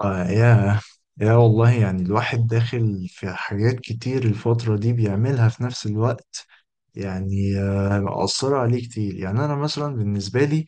آه يا يا والله يعني الواحد داخل في حاجات كتير الفترة دي بيعملها في نفس الوقت. يعني مأثرة عليه كتير. يعني أنا مثلا بالنسبة لي،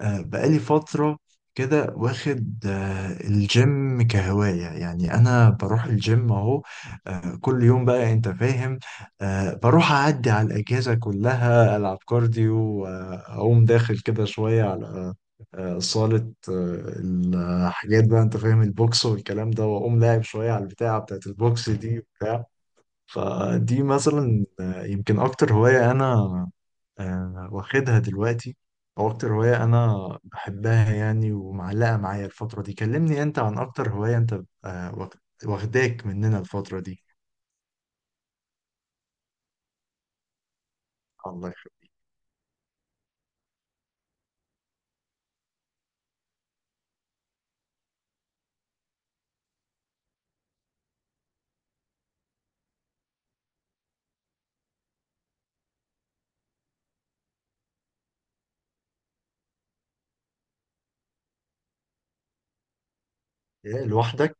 بقالي فترة كده واخد الجيم كهواية. يعني أنا بروح الجيم أهو، كل يوم بقى، أنت فاهم؟ بروح أعدي على الأجهزة كلها، ألعب كارديو وأقوم داخل كده شوية على صالة الحاجات بقى، أنت فاهم، البوكس والكلام ده، وأقوم لاعب شوية على البتاعة بتاعت البوكس دي وبتاع. فدي مثلا يمكن اكتر هواية انا واخدها دلوقتي، او اكتر هواية انا بحبها يعني ومعلقة معايا الفترة دي. كلمني انت عن اكتر هواية انت آه، واخ- واخداك مننا الفترة دي. الله يخليك. إيه، لوحدك؟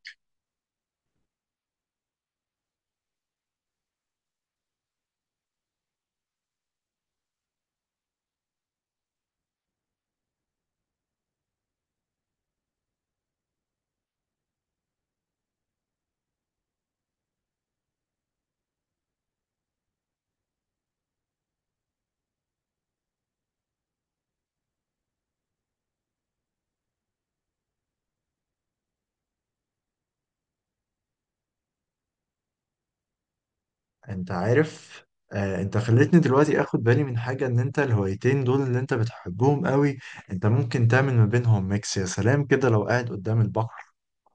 انت عارف، انت خلتني دلوقتي اخد بالي من حاجة، ان انت الهوايتين دول اللي انت بتحبهم قوي، انت ممكن تعمل ما بينهم ميكس. يا سلام كده لو قاعد قدام البحر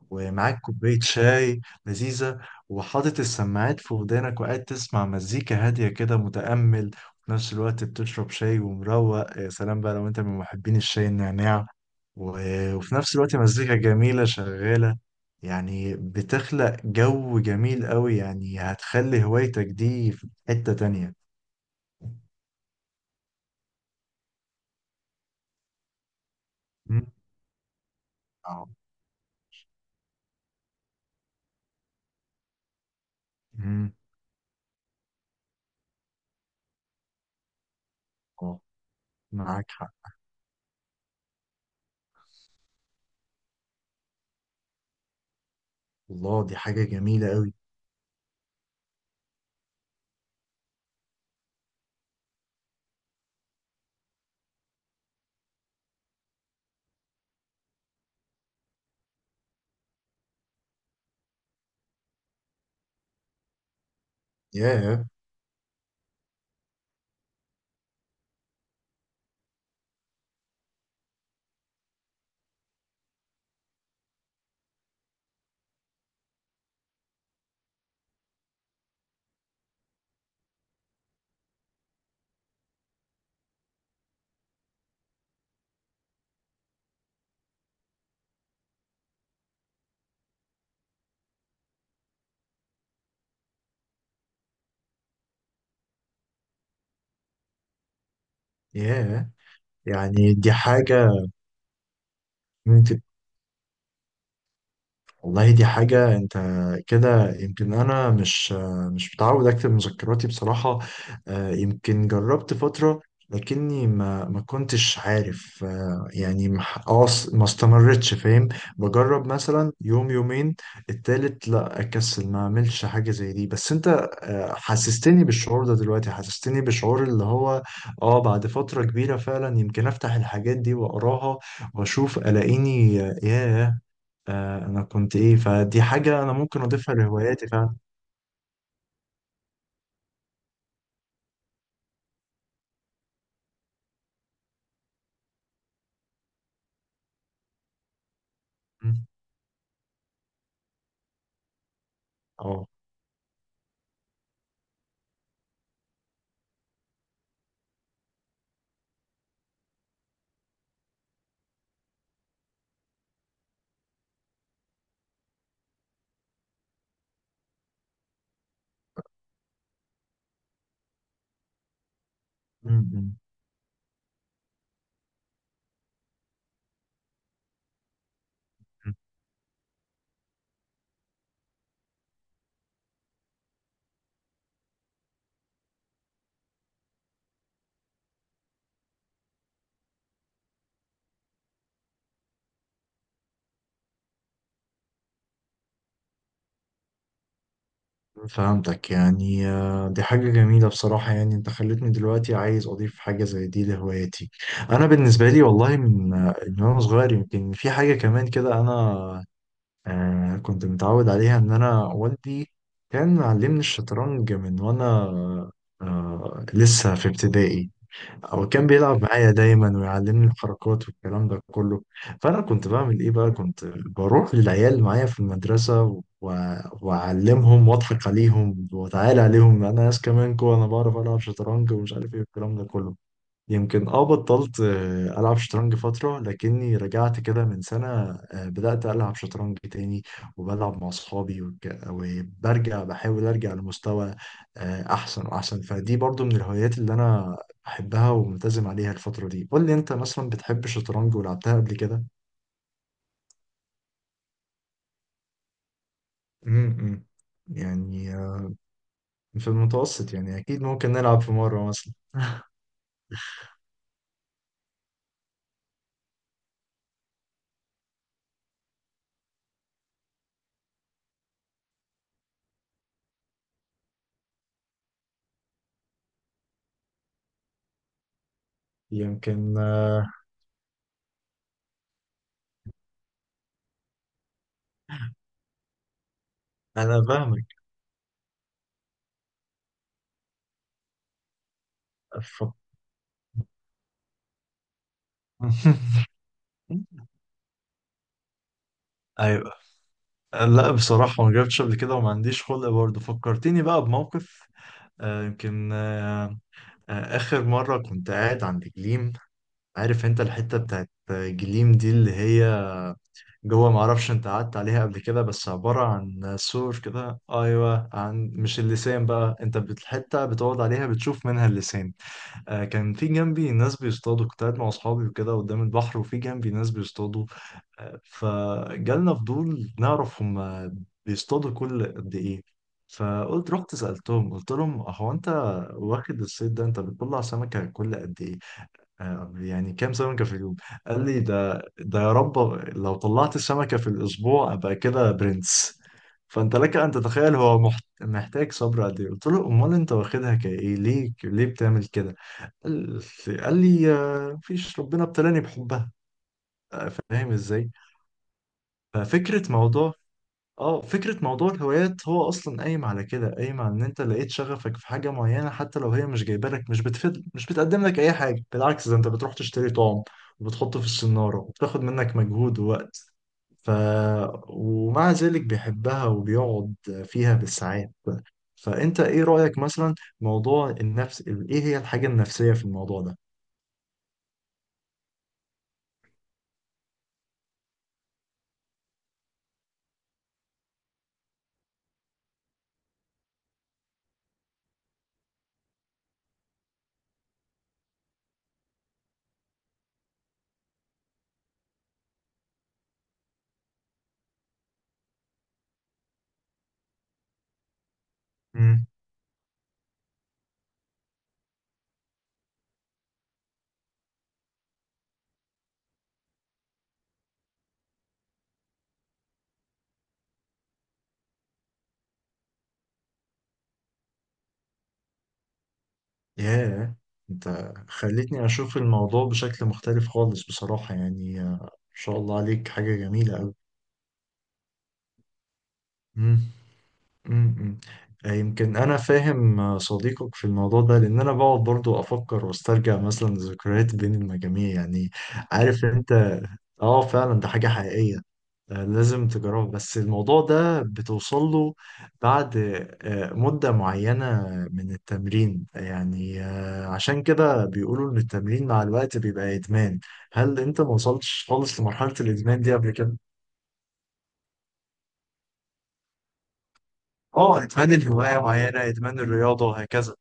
ومعاك كوباية شاي لذيذة، وحاطط السماعات في ودانك وقاعد تسمع مزيكا هادية كده متأمل، وفي نفس الوقت بتشرب شاي ومروق. يا سلام بقى لو انت من محبين الشاي النعناع، وفي نفس الوقت مزيكا جميلة شغالة. يعني بتخلق جو جميل قوي، يعني هتخلي هوايتك دي في حتة تانية. مم. اه. مم. اه، معاك حق. الله، دي حاجة جميلة قوي. ياه. ياه، يعني دي حاجة. والله دي حاجة، انت كده يمكن انا مش متعود اكتب مذكراتي بصراحة. يمكن جربت فترة، لكني ما كنتش عارف، يعني ما ح- اه س- ما استمرتش، فاهم؟ بجرب مثلا يوم يومين، التالت لا، اكسل ما اعملش حاجة زي دي. بس انت حسستني بالشعور ده دلوقتي، حسستني بالشعور اللي هو، اه، بعد فترة كبيرة فعلا يمكن افتح الحاجات دي واقراها واشوف الاقيني، ياه، آه انا كنت ايه. فدي حاجة انا ممكن اضيفها لهواياتي فعلا. مم. اه. مم. مم. فهمتك. يعني دي حاجة جميلة بصراحة، يعني انت خلتني دلوقتي عايز اضيف حاجة زي دي لهواياتي. انا بالنسبة لي والله، من من وانا صغير، يمكن في حاجة كمان كده انا كنت متعود عليها، ان انا والدي كان معلمني الشطرنج من وانا لسه في ابتدائي. هو كان بيلعب معايا دايما ويعلمني الحركات والكلام ده كله. فانا كنت بعمل ايه بقى، كنت بروح للعيال معايا في المدرسه و... واعلمهم واضحك عليهم واتعالى عليهم انا، ناس كمان كو انا بعرف العب شطرنج ومش عارف ايه والكلام ده كله. يمكن اه بطلت ألعب شطرنج فترة، لكني رجعت كده من سنة بدأت ألعب شطرنج تاني، وبلعب مع أصحابي وبرجع بحاول أرجع لمستوى أحسن وأحسن. فدي برضو من الهوايات اللي أنا بحبها وملتزم عليها الفترة دي. قول لي أنت، مثلا بتحب الشطرنج ولعبتها قبل كده؟ امم، يعني في المتوسط يعني، أكيد ممكن نلعب في مرة مثلا. يمكن أنا فاهمك. أف- ايوه. لا بصراحة ما جربتش قبل كده وما عنديش خلق برضه. فكرتني بقى بموقف آه، يمكن آه، آه، آخر مرة كنت قاعد عند جليم. عارف انت الحتة بتاعت جليم دي اللي هي جوه، ما اعرفش انت قعدت عليها قبل كده، بس عبارة عن سور كده، ايوه، عن مش اللسان بقى، الحتة بتقعد عليها بتشوف منها اللسان. كان في جنبي ناس بيصطادوا. كنت قاعد مع اصحابي وكده قدام البحر، وفي جنبي ناس بيصطادوا، فجالنا فضول نعرف هم بيصطادوا كل قد ايه. فقلت رحت سألتهم، قلت لهم هو انت واخد الصيد ده، انت بتطلع سمكة كل قد ايه، يعني كام سمكة في اليوم. قال لي ده يا رب لو طلعت سمكة في الاسبوع ابقى كده برنس. فانت لك ان تتخيل هو محتاج صبر قد ايه. قلت له امال انت واخدها كايه، ليه بتعمل كده؟ قال قال لي مفيش، ربنا ابتلاني بحبها. فاهم ازاي. ففكرة موضوع اه فكرة موضوع الهوايات هو أصلا قايم على كده، قايم على إن أنت لقيت شغفك في حاجة معينة، حتى لو هي مش جايبة لك، مش بتفيد، مش بتقدم لك أي حاجة، بالعكس ده أنت بتروح تشتري طعم وبتحطه في السنارة وبتاخد منك مجهود ووقت. ف ومع ذلك بيحبها وبيقعد فيها بالساعات. فأنت إيه رأيك مثلا، موضوع النفس، إيه هي الحاجة النفسية في الموضوع ده؟ ياه، انت خلتني اشوف الموضوع بشكل مختلف خالص بصراحة، يعني ما شاء الله عليك، حاجة جميلة قوي. مم. مم. مم. يمكن انا فاهم صديقك في الموضوع ده، لان انا بقعد برضو افكر واسترجع مثلا ذكريات بين المجاميع يعني. عارف انت، اه فعلا ده حاجة حقيقية. لازم تجربه، بس الموضوع ده بتوصل له بعد مدة معينة من التمرين. يعني عشان كده بيقولوا إن التمرين مع الوقت بيبقى إدمان. هل أنت ما وصلتش خالص لمرحلة الإدمان دي قبل كده؟ آه إدمان الهواية معينة، إدمان الرياضة وهكذا.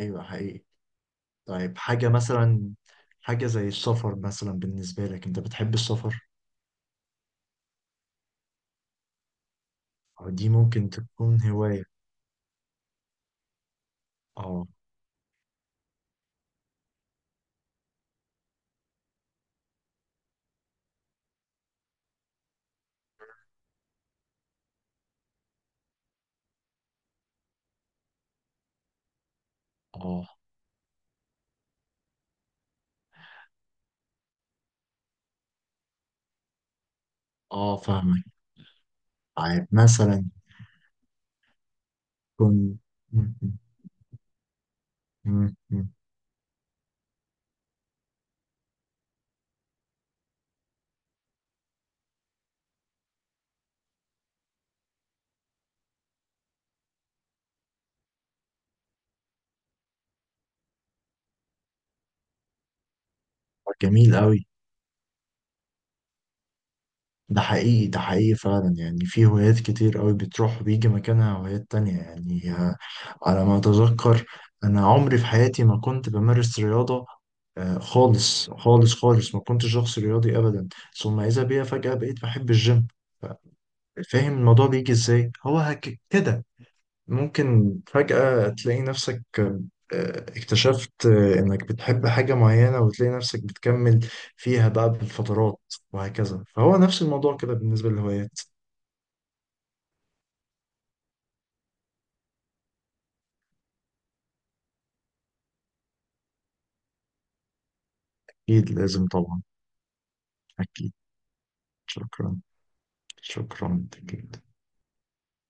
أيوه حقيقي. طيب حاجة مثلا، حاجة زي السفر مثلا بالنسبة لك، أنت بتحب السفر؟ أو دي ممكن تكون هواية. آه. آه. آه فاهمك. طيب مثلا. كن م- م- م- جميل قوي. ده حقيقي، ده حقيقي فعلا. يعني في هوايات كتير قوي بتروح وبيجي مكانها هوايات تانية. يعني على ما أتذكر، أنا عمري في حياتي ما كنت بمارس رياضة خالص خالص خالص، ما كنتش شخص رياضي أبدا. ثم إذا بيا فجأة بقيت بحب الجيم. فاهم الموضوع بيجي إزاي، هو كده ممكن فجأة تلاقي نفسك اكتشفت إنك بتحب حاجة معينة، وتلاقي نفسك بتكمل فيها بقى بالفترات وهكذا. فهو نفس الموضوع كده بالنسبة للهوايات. أكيد لازم طبعا. أكيد. شكرا. شكرا أكيد.